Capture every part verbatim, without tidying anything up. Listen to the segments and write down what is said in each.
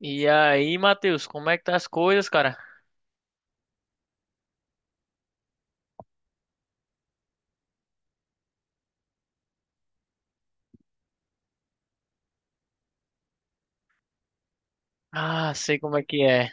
E aí, Matheus, como é que tá as coisas, cara? Ah, sei como é que é.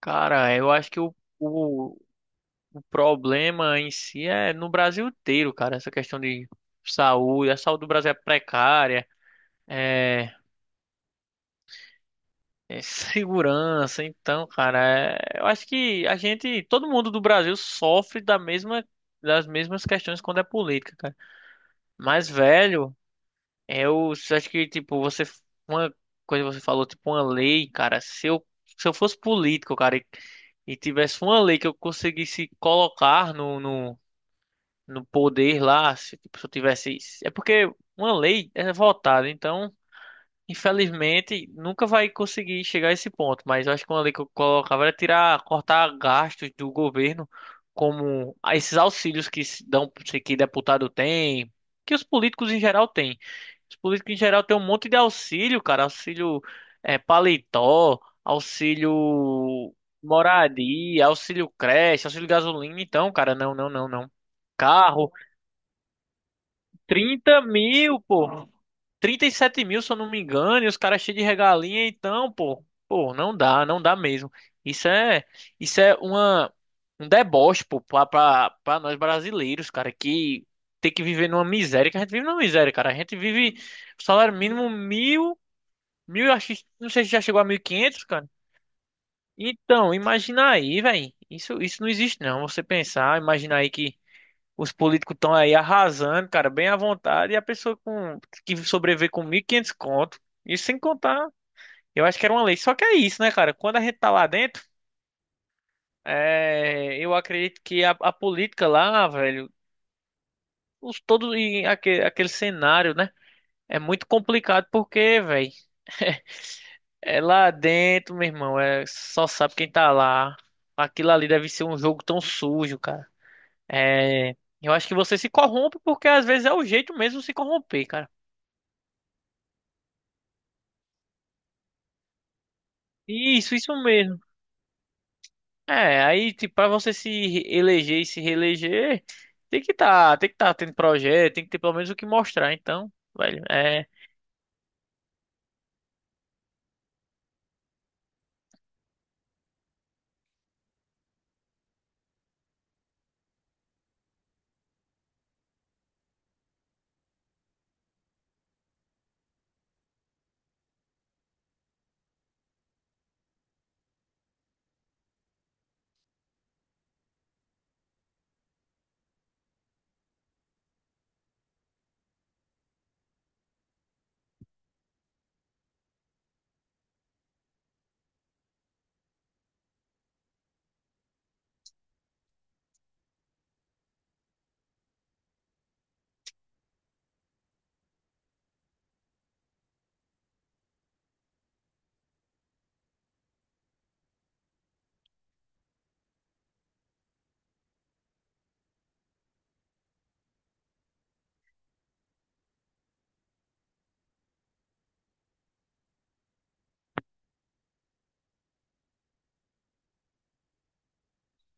Cara, eu acho que o, o, o problema em si é no Brasil inteiro, cara. Essa questão de saúde, a saúde do Brasil é precária, é, é segurança. Então, cara, é- eu acho que a gente, todo mundo do Brasil sofre da mesma, das mesmas questões quando é política, cara. Mas, velho. Eu acho que, tipo, você. Uma coisa que você falou, tipo, uma lei, cara. Se eu, se eu fosse político, cara, e, e tivesse uma lei que eu conseguisse colocar no, no, no poder lá, se, tipo, se eu tivesse. É porque uma lei é votada, então. Infelizmente, nunca vai conseguir chegar a esse ponto, mas eu acho que uma lei que eu colocava era tirar, cortar gastos do governo, como esses auxílios que se dão, que deputado tem, que os políticos em geral têm. Os políticos em geral têm um monte de auxílio, cara, auxílio é, paletó, auxílio moradia, auxílio creche, auxílio gasolina, então, cara, não, não, não, não. Carro, trinta mil, pô trinta e sete mil, se eu não me engano, e os caras cheios de regalinha, então, pô, pô, não dá, não dá mesmo. Isso é, isso é uma, um deboche, pô, pra, pra, pra nós brasileiros, cara, que tem que viver numa miséria, que a gente vive numa miséria, cara. A gente vive salário mínimo mil, mil, eu acho, que- não sei se já chegou a mil e quinhentos, cara. Então, imagina aí, velho. Isso, isso não existe, não. Você pensar, imagina aí que os políticos estão aí arrasando, cara, bem à vontade, e a pessoa com que sobrevive com mil e quinhentos conto, isso sem contar, eu acho que era uma lei. Só que é isso, né, cara? Quando a gente tá lá dentro, é, eu acredito que a, a política lá, velho, os todos e aque- aquele, cenário, né? É muito complicado porque, velho, é lá dentro, meu irmão, é só sabe quem tá lá. Aquilo ali deve ser um jogo tão sujo, cara. É, eu acho que você se corrompe porque às vezes é o jeito mesmo de se corromper, cara. Isso, isso mesmo. É, aí, tipo, pra você se eleger e se reeleger, tem que tá, tem que tá tendo projeto, tem que ter pelo menos o que mostrar. Então, velho, é,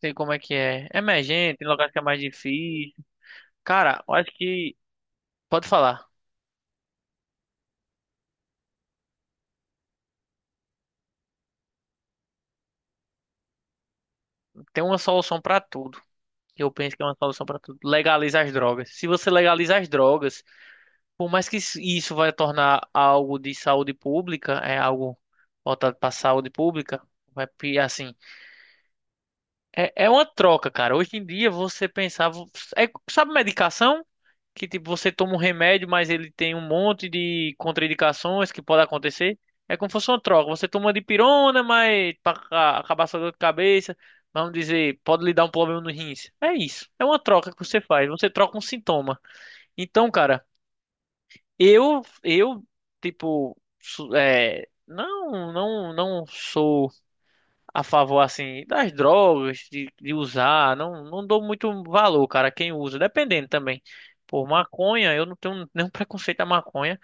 sei como é que é. É emergente, tem locais que é mais difícil. Cara, eu acho que, pode falar, tem uma solução pra tudo. Eu penso que é uma solução pra tudo. Legaliza as drogas. Se você legaliza as drogas, por mais que isso isso vai tornar algo de saúde pública, é algo voltado pra saúde pública, vai, pi- assim. É, é uma troca, cara. Hoje em dia você pensava. É, sabe medicação? Que tipo, você toma um remédio, mas ele tem um monte de contraindicações que pode acontecer. É como se fosse uma troca. Você toma uma dipirona, mas para acabar sua dor de cabeça, vamos dizer, pode lhe dar um problema no rins. É isso. É uma troca que você faz. Você troca um sintoma. Então, cara, eu, eu, tipo, su- é, não, não, não sou a favor, assim, das drogas, de, de usar. Não, não dou muito valor, cara, quem usa. Dependendo também. Por maconha, eu não tenho nenhum preconceito à maconha.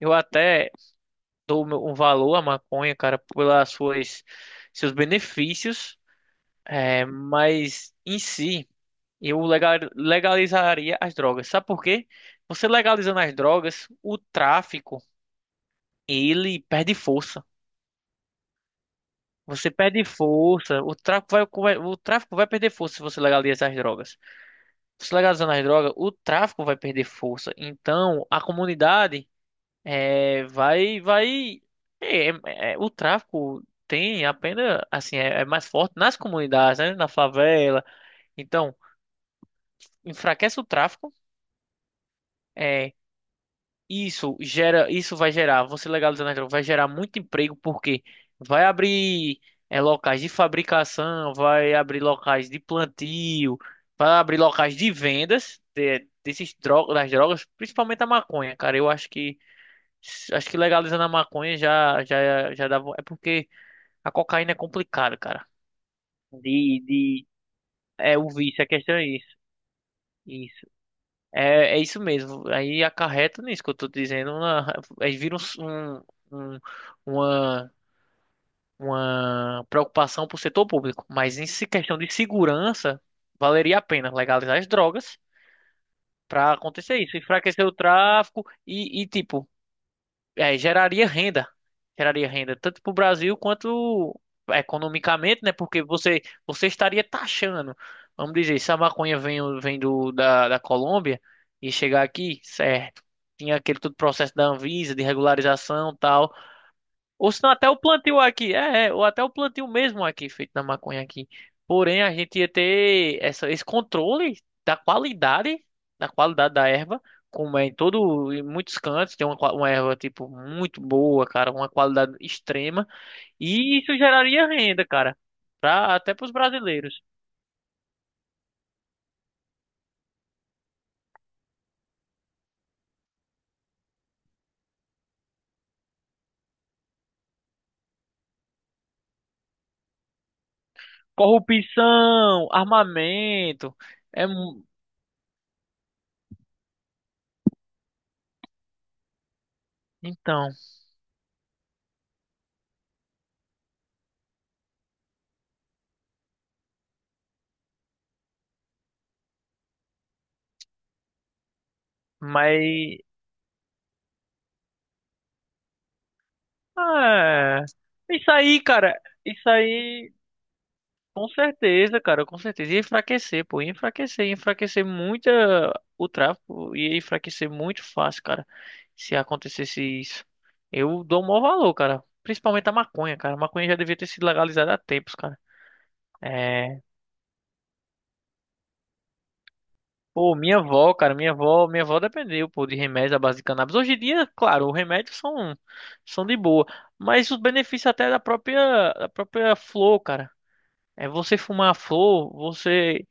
Eu até dou meu- um valor à maconha, cara, pelas suas, seus benefícios. É, mas em si, eu legal, legalizaria as drogas. Sabe por quê? Você legalizando as drogas, o tráfico, ele perde força. Você perde força, o tráfico vai, o tráfico vai perder força se você legalizar as drogas. Se legalizando as drogas, o tráfico vai perder força. Então, a comunidade é, vai, vai, é, é, é, o tráfico tem apenas, assim, é, é mais forte nas comunidades, né? Na favela. Então, enfraquece o tráfico. eh, Isso gera, isso vai gerar, você legalizando as drogas, vai gerar muito emprego porque vai abrir eh, locais de fabricação, vai abrir locais de plantio, vai abrir locais de vendas de- desses drogas, das drogas, principalmente a maconha, cara. Eu acho que acho que legalizando a maconha já já já dá, é porque a cocaína é complicada, cara. De, de é o vício, a questão é isso. É, é isso mesmo. Aí acarreta nisso que eu tô dizendo. Uma, aí vira um, um- um, uma, uma preocupação pro setor público. Mas em se- questão de segurança, valeria a pena legalizar as drogas pra acontecer isso, enfraquecer o tráfico e, e tipo é, geraria renda. Geraria renda tanto para o Brasil quanto economicamente, né? Porque você, você estaria taxando. Vamos dizer, se a maconha vem, vem do, da, da Colômbia e chegar aqui, certo. Tinha aquele todo processo da Anvisa, de regularização e tal. Ou senão até o plantio aqui, é, é, ou até o plantio mesmo aqui, feito na maconha aqui. Porém, a gente ia ter essa, esse controle da qualidade, da qualidade da erva, como é em todo, em muitos cantos, tem uma, qua- uma erva, tipo, muito boa, cara, uma qualidade extrema, e isso geraria renda, cara, pra, até pros brasileiros. Corrupção, armamento, é, mu- então, mas, é, isso aí, cara, isso aí... Com certeza, cara, com certeza. Ia enfraquecer, pô. Ia enfraquecer, ia enfraquecer muito eh, o tráfico. Ia enfraquecer muito fácil, cara. Se acontecesse isso. Eu dou o maior valor, cara. Principalmente a maconha, cara. A maconha já devia ter sido legalizada há tempos, cara. É. Pô, minha avó, cara. Minha avó, minha avó dependeu, pô, de remédios à base de cannabis. Hoje em dia, claro, os remédios são, são de boa. Mas os benefícios até da própria, da própria flor, cara. É você fumar a flor, você.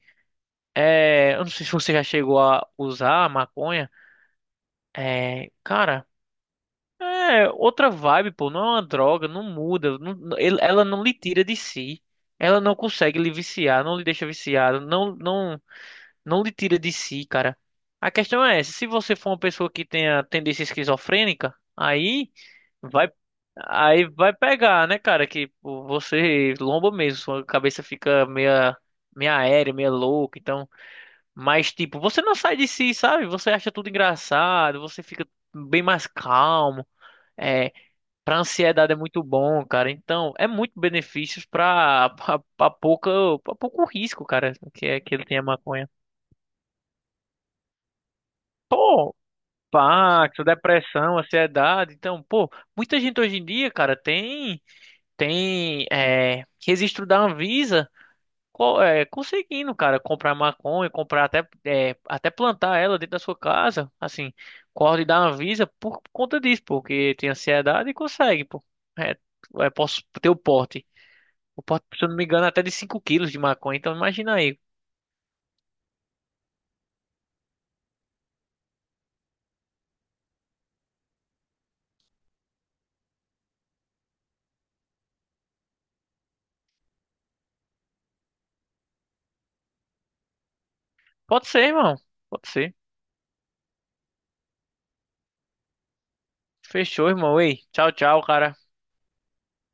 É, eu não sei se você já chegou a usar a maconha. É, cara, é outra vibe, pô. Não é uma droga, não muda. não- não- ele- ela não lhe tira de si. Ela não consegue lhe viciar, não lhe deixa viciado, não, não, não lhe tira de si, cara. A questão é essa, se você for uma pessoa que tenha tendência esquizofrênica, aí vai, aí vai pegar, né, cara? Que pô, você lomba mesmo, sua cabeça fica meia, meia aérea, meia louca, então. Mas, tipo, você não sai de si, sabe? Você acha tudo engraçado, você fica bem mais calmo. É, pra ansiedade é muito bom, cara. Então, é muito benefícios pra, pra, pra pouca, pra pouco risco, cara, que, é, que ele tem a maconha. Pô, pacto, depressão, ansiedade. Então, pô, muita gente hoje em dia, cara, tem, tem, é, registro da Anvisa. co- é, conseguindo, cara, comprar maconha, comprar até, é, até plantar ela dentro da sua casa, assim, corre da Anvisa por conta disso, porque tem ansiedade e consegue, pô. É, é, posso ter o porte. O porte, se eu não me engano, é até de cinco quilos de maconha, então imagina aí. Pode ser, irmão. Pode ser. Fechou, irmão. Ei, tchau, tchau, cara.